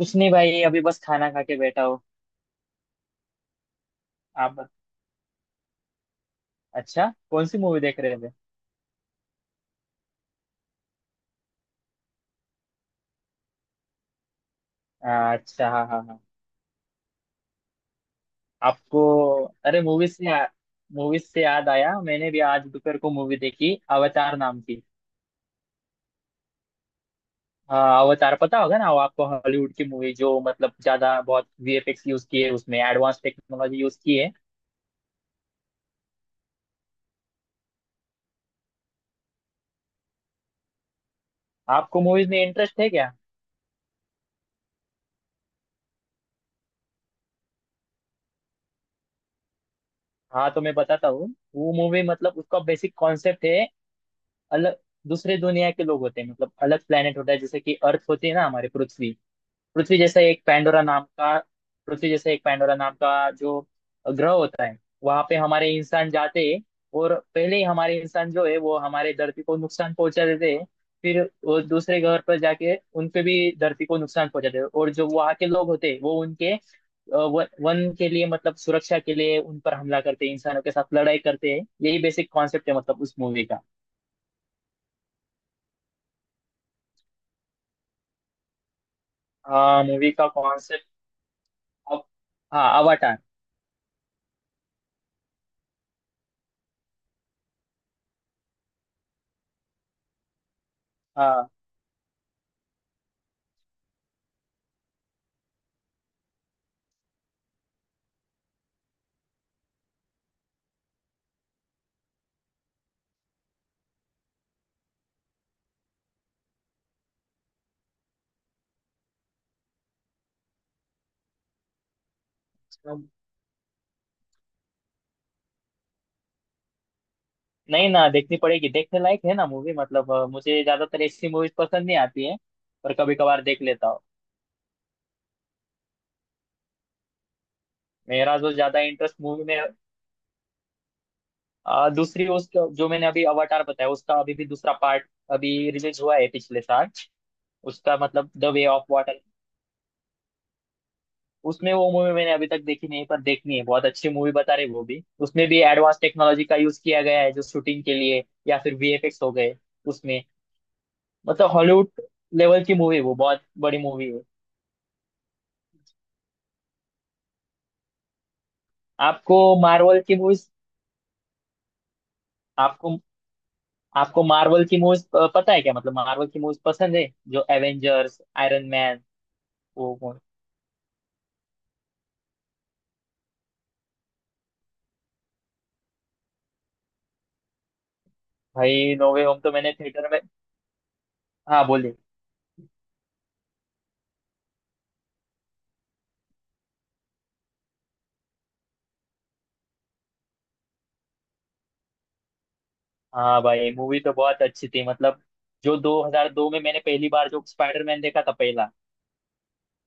कुछ नहीं भाई, अभी बस खाना खा के बैठा हूँ। आप बत- अच्छा, कौन सी मूवी देख रहे थे? अच्छा, हाँ हाँ हाँ। आपको अरे मूवी से याद आया, मैंने भी आज दोपहर को मूवी देखी, अवतार नाम की। हाँ अवतार, पता होगा ना वो आपको, हॉलीवुड की मूवी, जो मतलब ज्यादा बहुत वीएफएक्स यूज किए उसमें, एडवांस टेक्नोलॉजी यूज की है। आपको मूवीज में इंटरेस्ट है क्या? हाँ तो मैं बताता हूँ। वो मूवी मतलब उसका बेसिक कॉन्सेप्ट है अलग। दूसरे दुनिया के लोग होते हैं, मतलब अलग प्लेनेट होता है, जैसे कि अर्थ होती है ना हमारे पृथ्वी। पृथ्वी जैसा एक पैंडोरा नाम का। पृथ्वी जैसा एक पैंडोरा नाम का जो ग्रह होता है। वहां पे हमारे इंसान जाते हैं। और पहले ही हमारे इंसान जो है वो हमारे धरती को नुकसान पहुंचा देते हैं। फिर वो दूसरे ग्रह पर जाके उनपे भी धरती को नुकसान पहुंचाते हैं, और जो वहाँ के लोग होते हैं वो उनके वन के लिए, मतलब सुरक्षा के लिए उन पर हमला करते हैं, इंसानों के साथ लड़ाई करते हैं। यही बेसिक कॉन्सेप्ट है मतलब उस मूवी का। हाँ मूवी का कॉन्सेप्ट। अब हाँ, अवाटार। हाँ नहीं ना, देखनी पड़ेगी, देखने लायक है ना मूवी। मतलब मुझे ज्यादातर ऐसी मूवीज पसंद नहीं आती है, पर कभी कभार देख लेता हूँ। मेरा जो ज्यादा इंटरेस्ट मूवी में। दूसरी उसका जो मैंने अभी अवाटार बताया, उसका अभी भी दूसरा पार्ट अभी रिलीज हुआ है पिछले साल। उसका मतलब द वे ऑफ वाटर। उसमें वो मूवी मैंने अभी तक देखी नहीं, पर देखनी है, बहुत अच्छी मूवी बता रहे वो भी, उसमें भी एडवांस टेक्नोलॉजी का यूज किया गया है जो शूटिंग के लिए, या फिर वीएफएक्स हो गए उसमें। मतलब हॉलीवुड लेवल की मूवी, वो बहुत बड़ी मूवी है। आपको मार्वल की मूवीज। आपको आपको मार्वल की मूवीज पता है क्या? मतलब मार्वल की मूवीज पसंद है? जो एवेंजर्स, आयरन मैन। वो कौन। भाई नो वे होम तो मैंने थिएटर में। हाँ बोलिए। हाँ भाई मूवी तो बहुत अच्छी थी, मतलब जो 2002 में मैंने पहली बार जो स्पाइडरमैन देखा था पहला,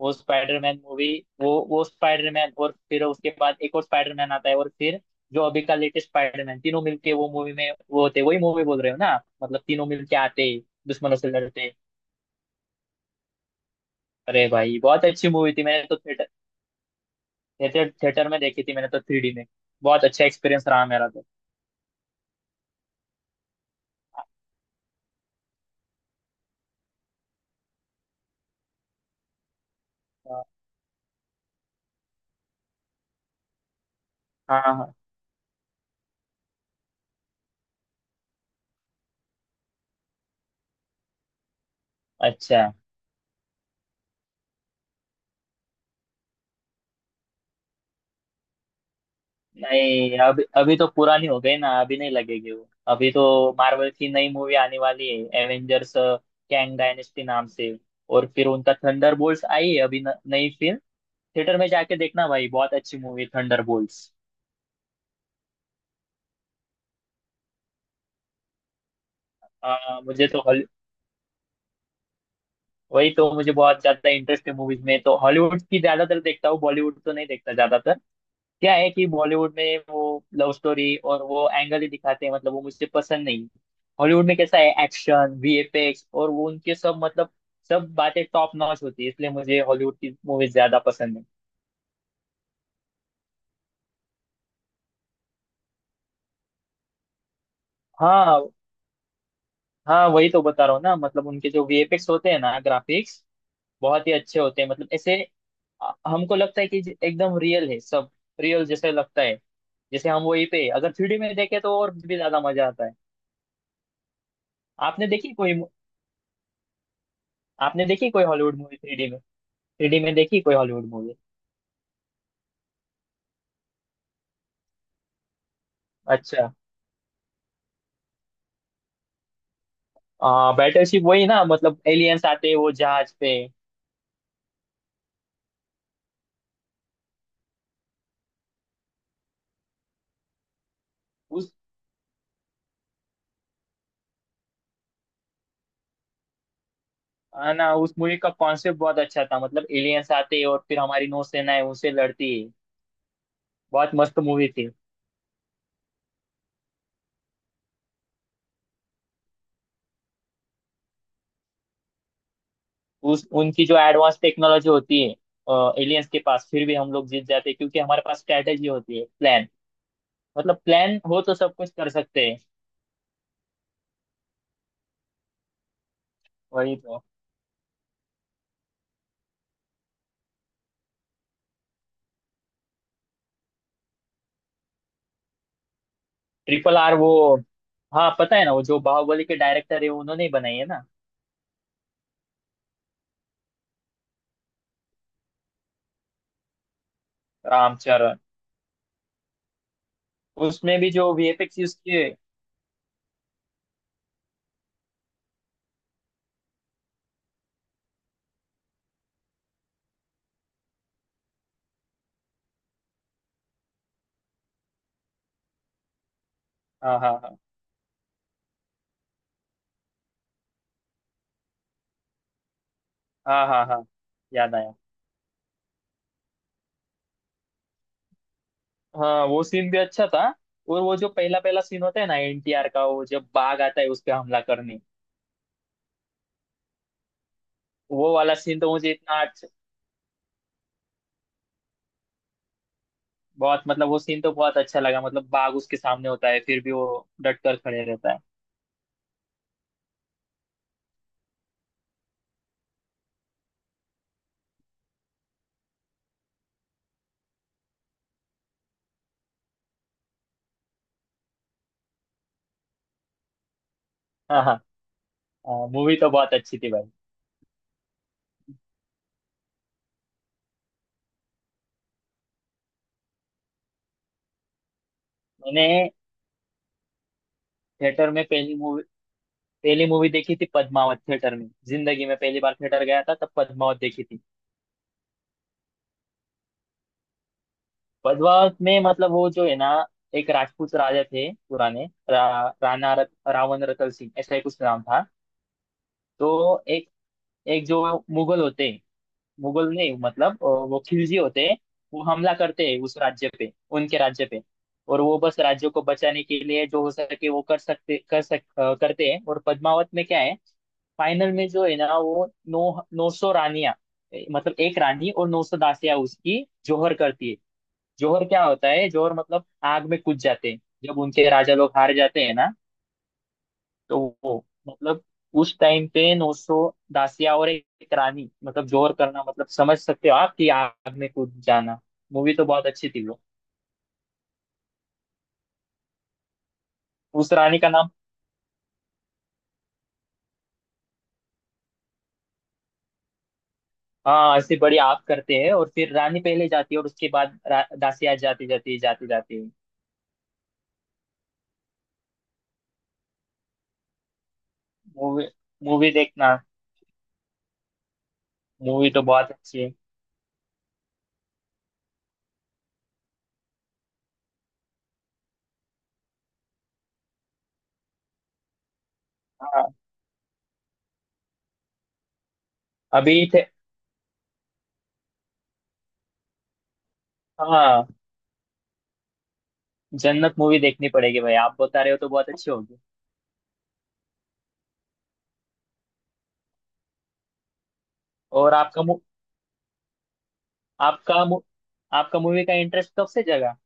वो स्पाइडरमैन मूवी। वो स्पाइडरमैन और फिर उसके बाद एक और स्पाइडरमैन आता है, और फिर जो अभी का लेटेस्ट स्पाइडरमैन, तीनों मिलके वो मूवी में वो होते, वही मूवी बोल रहे हो ना आप? मतलब तीनों मिलके आते, दुश्मनों से लड़ते। अरे भाई बहुत अच्छी मूवी थी, मैंने तो थिएटर थिएटर में देखी थी मैंने तो, थ्री डी में। बहुत अच्छा एक्सपीरियंस रहा मेरा तो। हाँ हाँ। अच्छा। नहीं अभी, अभी तो पुरानी हो गई ना, अभी नहीं लगेगी वो अभी तो। मार्वल की नई मूवी आने वाली है, एवेंजर्स कैंग डायनेस्टी नाम से। और फिर उनका थंडरबोल्ट्स आई है अभी, न, नई फिल्म। थिएटर में जाके देखना भाई, बहुत अच्छी मूवी थंडरबोल्ट्स। मुझे तो, वही तो, मुझे बहुत ज्यादा इंटरेस्ट है मूवीज में, तो हॉलीवुड की ज्यादातर देखता हूँ, बॉलीवुड तो नहीं देखता ज्यादातर। क्या है कि बॉलीवुड में वो लव स्टोरी और वो एंगल ही दिखाते हैं, मतलब वो मुझे पसंद नहीं। हॉलीवुड में कैसा है, एक्शन, वीएफएक्स और वो उनके सब, मतलब सब बातें टॉप नॉच होती है, इसलिए मुझे हॉलीवुड की मूवीज ज्यादा पसंद है। हाँ, हाँ वही तो बता रहा हूँ ना, मतलब उनके जो वीएफएक्स होते हैं ना, ग्राफिक्स, बहुत ही अच्छे होते हैं, मतलब ऐसे हमको लगता है कि एकदम रियल है सब, रियल जैसे लगता है। जैसे हम वहीं पे अगर थ्री डी में देखें तो और भी ज्यादा मजा आता है। आपने देखी कोई मु- आपने देखी कोई हॉलीवुड मूवी थ्री डी में? थ्री डी में देखी कोई हॉलीवुड मूवी? अच्छा। बैटरशिप वही ना, मतलब एलियंस आते हैं वो जहाज पे। उस है ना उस मूवी का कॉन्सेप्ट बहुत अच्छा था, मतलब एलियंस आते हैं और फिर हमारी नौसेना है उनसे लड़ती है। बहुत मस्त मूवी थी। उस उनकी जो एडवांस टेक्नोलॉजी होती है एलियंस के पास, फिर भी हम लोग जीत जाते हैं क्योंकि हमारे पास स्ट्रेटेजी होती है, प्लान। मतलब प्लान हो तो सब कुछ कर सकते हैं। वही तो। ट्रिपल आर, वो, हाँ पता है ना, वो जो बाहुबली के डायरेक्टर है उन्होंने ही बनाई है ना। रामचरण। उसमें भी जो वीएफएक्स यूज किए। हाँ हाँ हाँ। हाँ हाँ हाँ। याद आया। हाँ वो सीन भी अच्छा था। और वो जो पहला पहला सीन होता है ना एनटीआर का, वो जब बाघ आता है उस पे हमला करने। वो वाला सीन तो मुझे इतना अच्छा, बहुत मतलब वो सीन तो बहुत अच्छा लगा, मतलब बाघ उसके सामने होता है फिर भी वो डट कर खड़े रहता है। हाँ हाँ। मूवी तो बहुत अच्छी थी भाई। मैंने थिएटर में पहली मूवी, पहली मूवी देखी थी पद्मावत, थिएटर में जिंदगी में पहली बार थिएटर गया था, तब पद्मावत देखी थी। पद्मावत में मतलब वो जो है ना, एक राजपूत राजा थे पुराने, रावण रतल सिंह ऐसा ही कुछ नाम था। तो एक एक जो मुगल होते, मुगल नहीं मतलब वो खिलजी होते हैं, वो हमला करते हैं उस राज्य पे, उनके राज्य पे। और वो बस राज्य को बचाने के लिए जो हो सके वो कर सकते कर सक अ, करते हैं। और पद्मावत में क्या है, फाइनल में जो है ना, वो नौ 900 रानियां, मतलब एक रानी और 900 दासियां उसकी, जोहर करती है। जोहर क्या होता है, जोहर मतलब आग में कूद जाते हैं जब उनके राजा लोग हार जाते हैं ना। तो वो मतलब उस टाइम पे नोसो दासिया और एक रानी, मतलब जोर करना मतलब समझ सकते हो आप, कि आग में कूद जाना। मूवी तो बहुत अच्छी थी वो। उस रानी का नाम। हाँ ऐसे बड़ी आग करते हैं, और फिर रानी पहले जाती है और उसके बाद दासिया जाती जाती जाती जाती है। मूवी, मूवी देखना। मूवी तो बहुत अच्छी है। हाँ अभी थे। हाँ जन्नत मूवी देखनी पड़ेगी भाई, आप बता रहे हो तो बहुत अच्छी होगी। और आपका मु, आपका मूवी का इंटरेस्ट कब से जगा?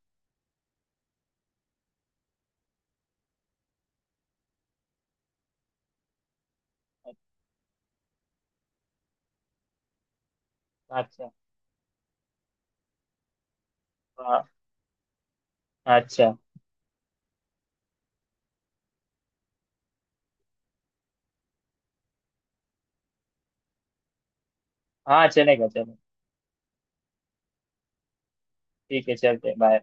अच्छा। हाँ अच्छा। हाँ चलेगा चलेगा। ठीक है चलते हैं, बाय।